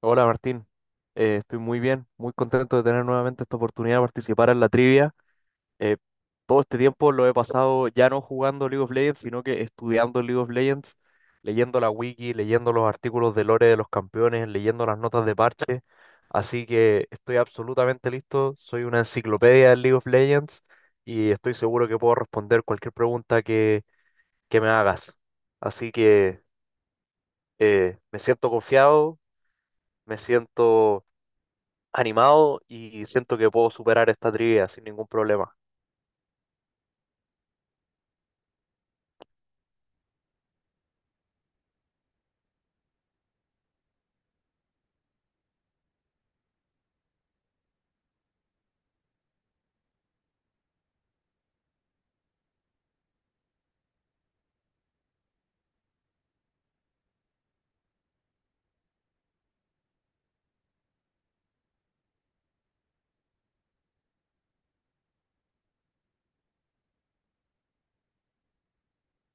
Hola Martín. Estoy muy bien, muy contento de tener nuevamente esta oportunidad de participar en la trivia. Eh, Todo este tiempo lo he pasado ya no jugando League of Legends, sino que estudiando League of Legends, leyendo la wiki, leyendo los artículos de lore de los campeones, leyendo las notas de parche. Así que estoy absolutamente listo, soy una enciclopedia de League of Legends y estoy seguro que puedo responder cualquier pregunta que me hagas. Así que me siento confiado, me siento animado y siento que puedo superar esta trivia sin ningún problema.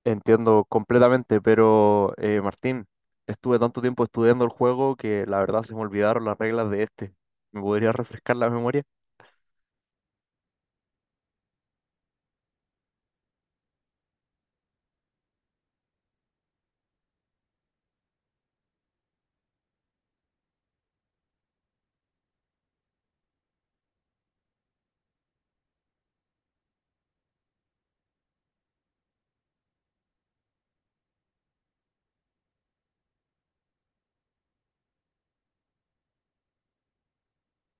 Entiendo completamente, pero Martín, estuve tanto tiempo estudiando el juego que la verdad se me olvidaron las reglas de este. ¿Me podrías refrescar la memoria?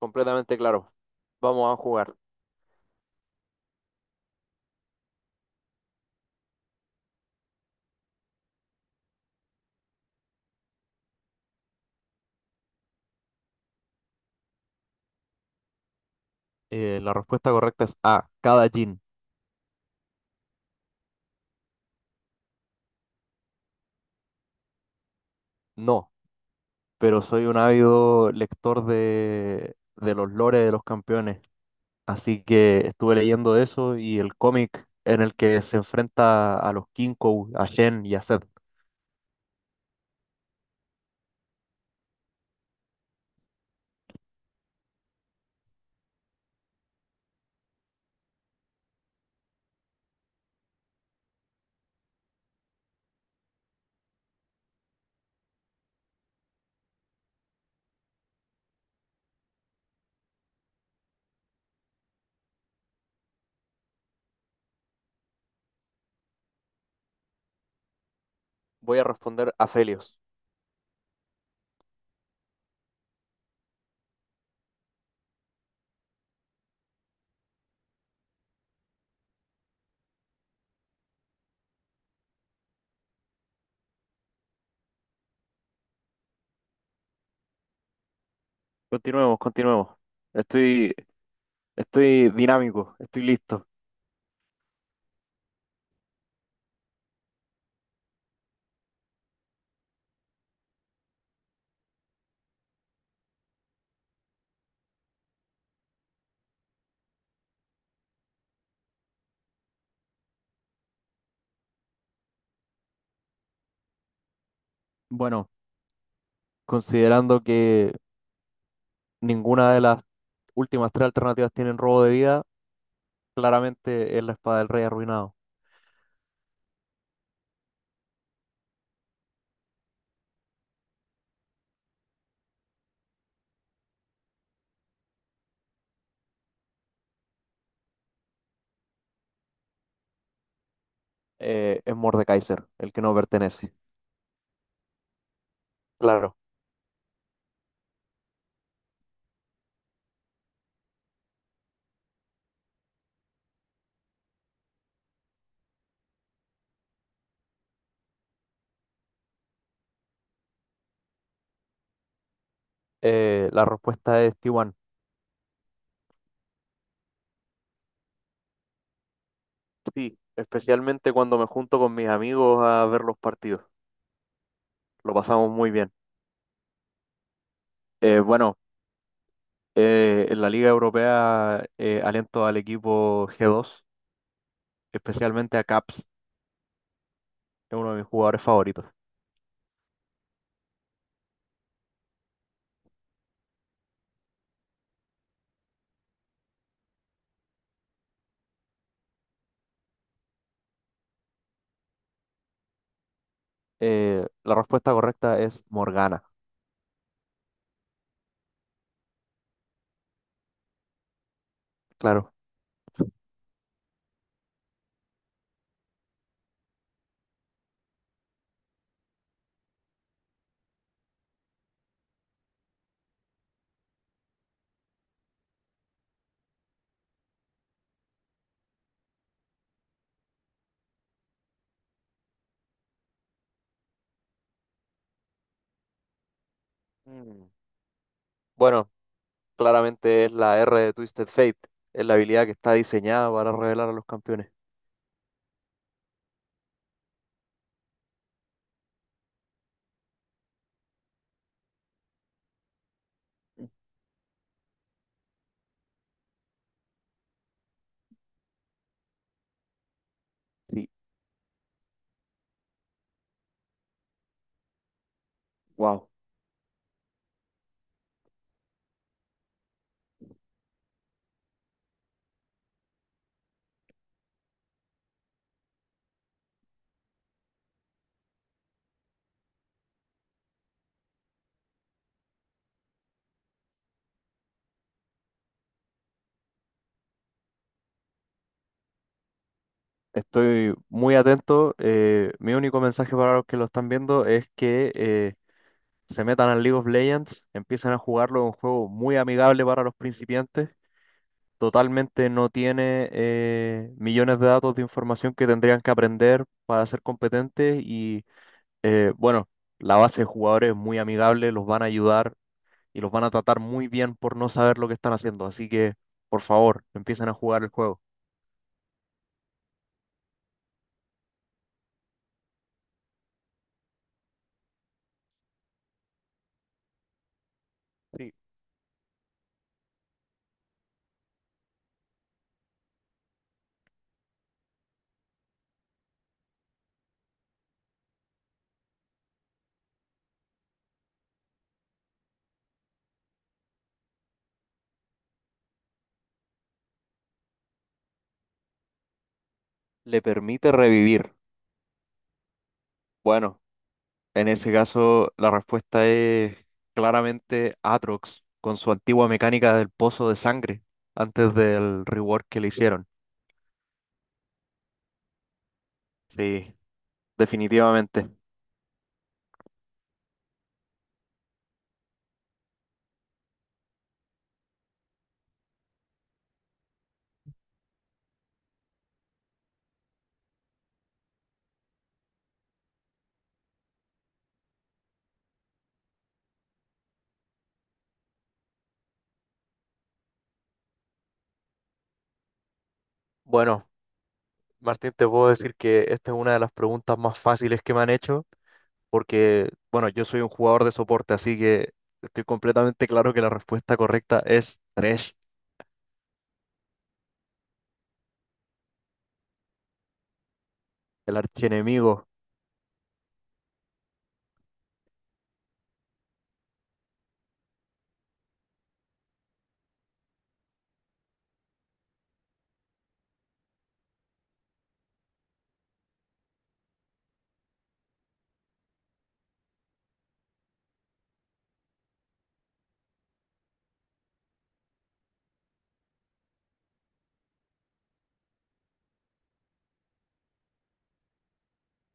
Completamente claro. Vamos a jugar. La respuesta correcta es A, cada Jin. No, pero soy un ávido lector de los lores de los campeones. Así que estuve leyendo eso y el cómic en el que se enfrenta a los Kinkou, a Shen y a Zed. Voy a responder a Felios. Continuemos, continuemos. Estoy, estoy dinámico, estoy listo. Bueno, considerando que ninguna de las últimas tres alternativas tienen robo de vida, claramente es la espada del rey arruinado. Es Mordekaiser, el que no pertenece. Claro. La respuesta es Tiwan. Sí, especialmente cuando me junto con mis amigos a ver los partidos. Lo pasamos muy bien. Eh, bueno, en la Liga Europea aliento al equipo G2, especialmente a Caps, es uno de mis jugadores favoritos. La respuesta correcta es Morgana, claro. Mm. Bueno, claramente es la R de Twisted Fate, es la habilidad que está diseñada para revelar a los campeones. Sí, wow. Estoy muy atento. Mi único mensaje para los que lo están viendo es que se metan al League of Legends, empiecen a jugarlo, es un juego muy amigable para los principiantes, totalmente no tiene millones de datos de información que tendrían que aprender para ser competentes. Y eh, bueno, la base de jugadores es muy amigable, los van a ayudar y los van a tratar muy bien por no saber lo que están haciendo. Así que, por favor, empiecen a jugar el juego. Sí. ¿Le permite revivir? Bueno, en ese caso la respuesta es claramente Atrox, con su antigua mecánica del pozo de sangre antes del rework que le hicieron. Sí, definitivamente. Bueno, Martín, te puedo decir que esta es una de las preguntas más fáciles que me han hecho, porque, bueno, yo soy un jugador de soporte, así que estoy completamente claro que la respuesta correcta es Thresh, el archienemigo.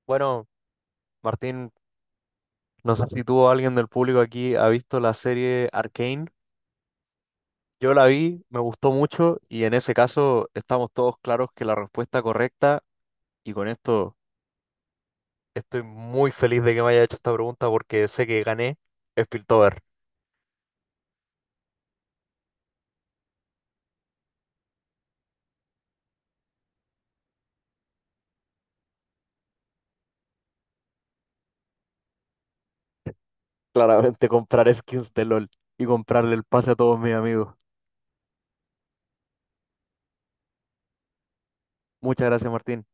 Bueno, Martín, no sé si tú o alguien del público aquí ha visto la serie Arcane. Yo la vi, me gustó mucho, y en ese caso estamos todos claros que la respuesta correcta, y con esto estoy muy feliz de que me haya hecho esta pregunta porque sé que gané, es Piltover. Claramente comprar skins de LOL y comprarle el pase a todos mis amigos. Muchas gracias, Martín.